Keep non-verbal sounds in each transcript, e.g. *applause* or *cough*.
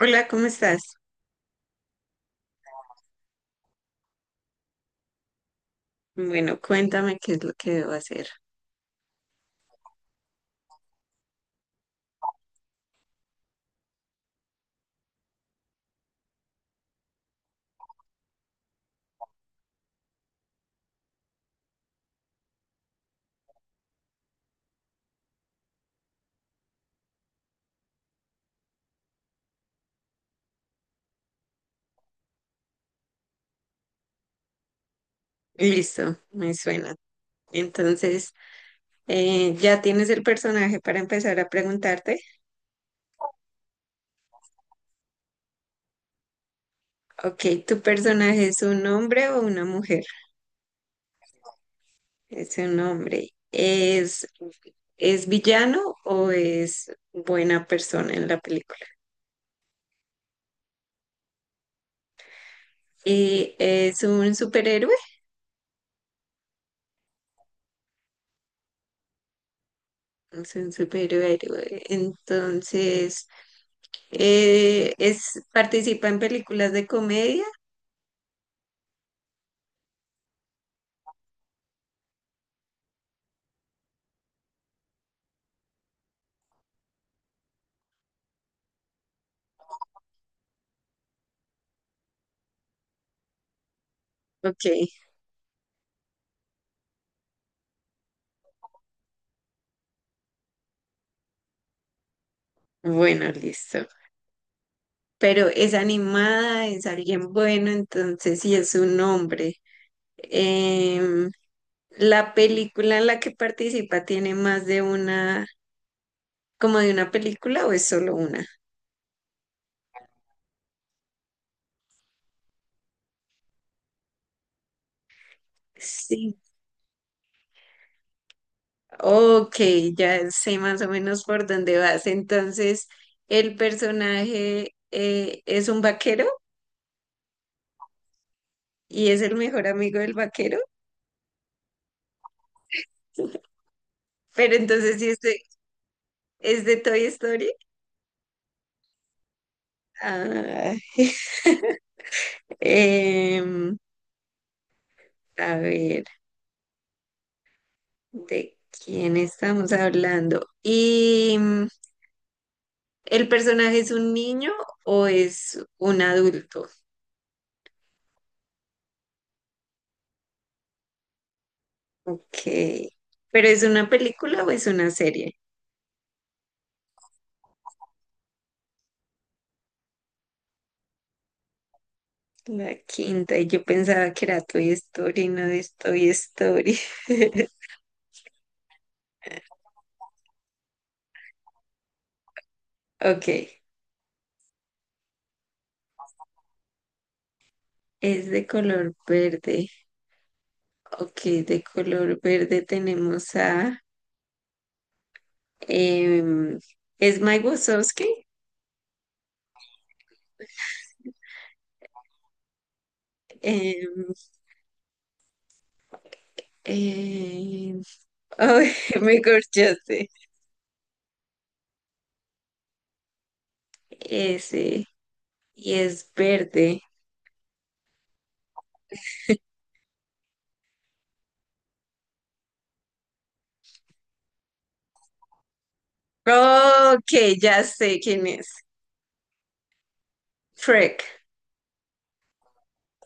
Hola, ¿cómo estás? Bueno, cuéntame qué es lo que debo hacer. Listo, me suena. Entonces, ¿ya tienes el personaje para empezar a preguntarte? Ok, ¿tu personaje es un hombre o una mujer? Es un hombre. ¿Es villano o es buena persona en la película? ¿Y es un superhéroe? Es un superhéroe. Entonces, es, ¿participa en películas de comedia? Ok. Bueno, listo. Pero es animada, es alguien bueno, entonces sí es un hombre. Em, ¿La película en la que participa tiene más como de una película o es solo una? Sí. Ok, ya sé más o menos por dónde vas. Entonces, el personaje es un vaquero y es el mejor amigo del vaquero. *laughs* Pero entonces sí es de Toy Story. Ah. *laughs* Em, a ver, ¿de quién estamos hablando? ¿Y el personaje es un niño o es un adulto? Ok. ¿Pero es una película o es una serie? La quinta, y yo pensaba que era Toy Story, no es Toy Story. *laughs* Ok, es de color verde. Ok, de color verde tenemos a... em, es Mike Wazowski. Em, em, *laughs* ay, me corchaste. Ese. Y es verde. Ok, ya sé quién es. Shrek.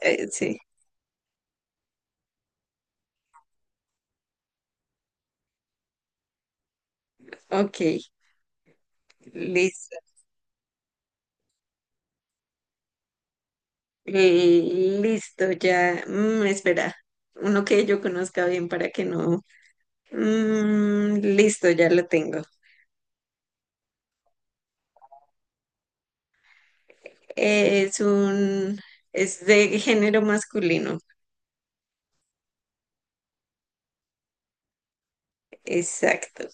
Sí. Ok, listo. Listo, ya. Mm, espera. Uno que yo conozca bien para que no. Mm, listo, ya lo tengo. Es un. Es de género masculino. Exacto.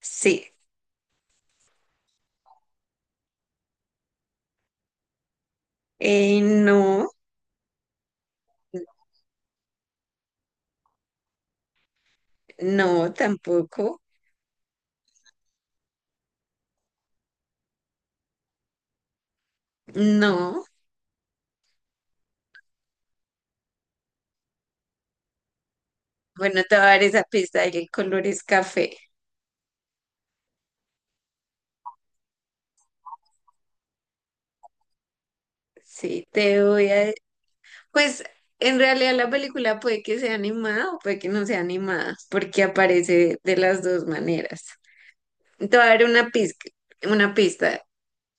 Sí. No, no, tampoco. No. Bueno, te voy a dar esa pista. El color es café. Sí, te voy a... Pues en realidad la película puede que sea animada o puede que no sea animada, porque aparece de las dos maneras. Te voy a dar una pista, una pista.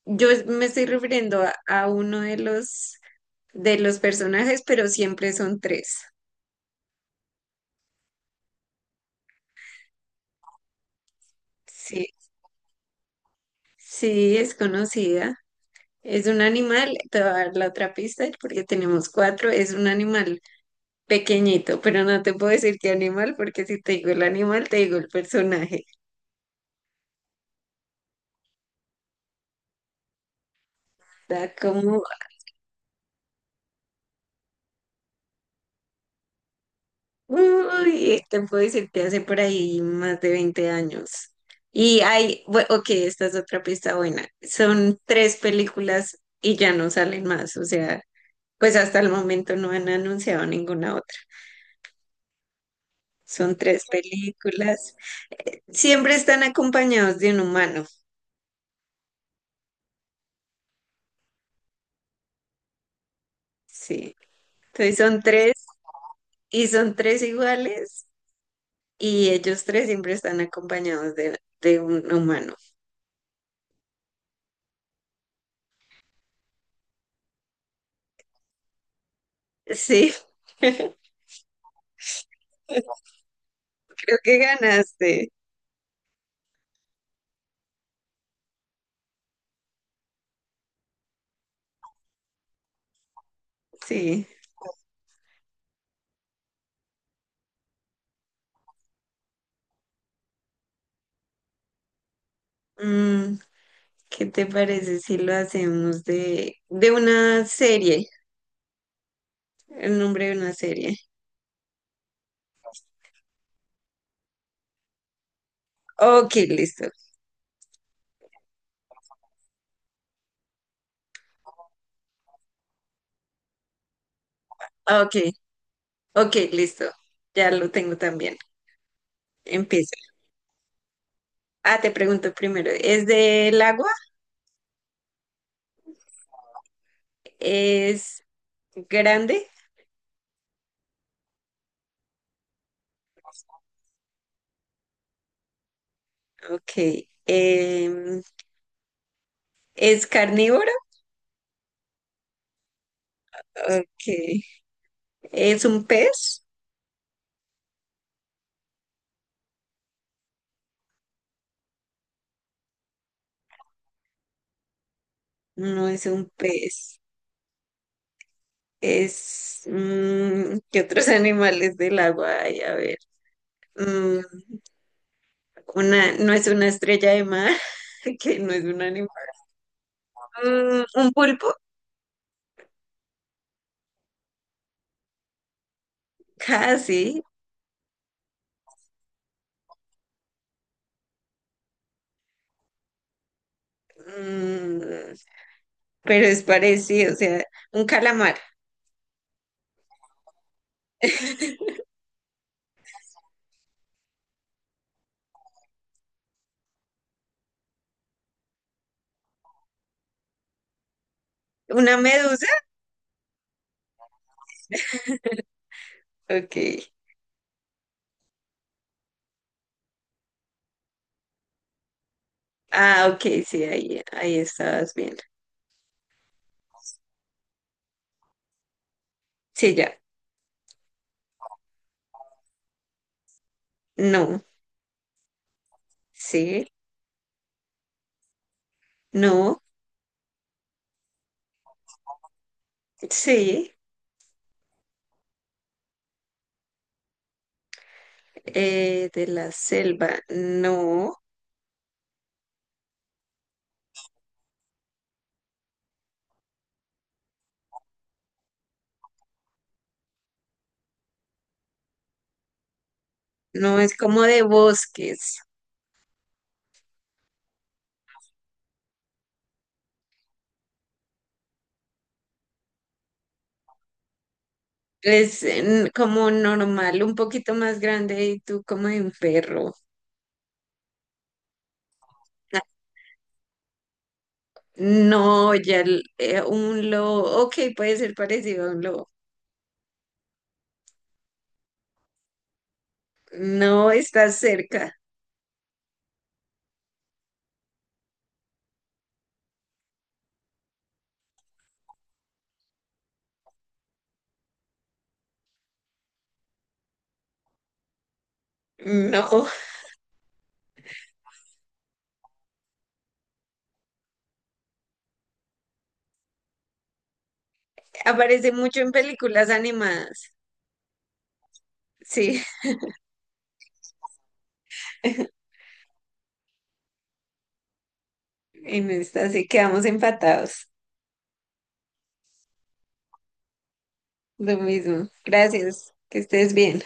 Me estoy refiriendo a uno de los personajes, pero siempre son tres. Sí, sí, es conocida. Es un animal, te voy a dar la otra pista porque tenemos cuatro. Es un animal pequeñito, pero no te puedo decir qué animal porque si te digo el animal, te digo el personaje. Da como, uy, te puedo decir que hace por ahí más de 20 años. Y hay, ok, esta es otra pista buena. Son tres películas y ya no salen más. O sea, pues hasta el momento no han anunciado ninguna otra. Son tres películas. Siempre están acompañados de un humano. Sí. Entonces son tres y son tres iguales y ellos tres siempre están acompañados de un humano. Sí, *laughs* creo que ganaste. Sí. Mm, ¿qué te parece si lo hacemos de una serie? El nombre de una serie. Ok, listo. Ok, ok, listo. Ya lo tengo también. Empieza. Ah, te pregunto primero. ¿Es del agua? ¿Es grande? Ok. Em, ¿Es carnívoro? Ok. ¿Es un pez? No es un pez. Es... ¿qué otros *laughs* animales del agua hay? A ver. Mm, una, no es una estrella de mar, *laughs* que no es un animal. Mm, un pulpo, casi, mm, pero es parecido, o sea, un calamar. *laughs* Una medusa, ok. Ah, ok, sí, ahí, ahí estabas bien. Sí, ya. No, sí, no, sí. Eh, de la selva, no, no es como de bosques. Es como normal, un poquito más grande y tú como de un perro. No, un lobo. Ok, puede ser parecido a un lobo. No está cerca. No. *laughs* Aparece mucho en películas animadas. Sí, *laughs* en esta sí quedamos empatados. Lo mismo. Gracias. Que estés bien.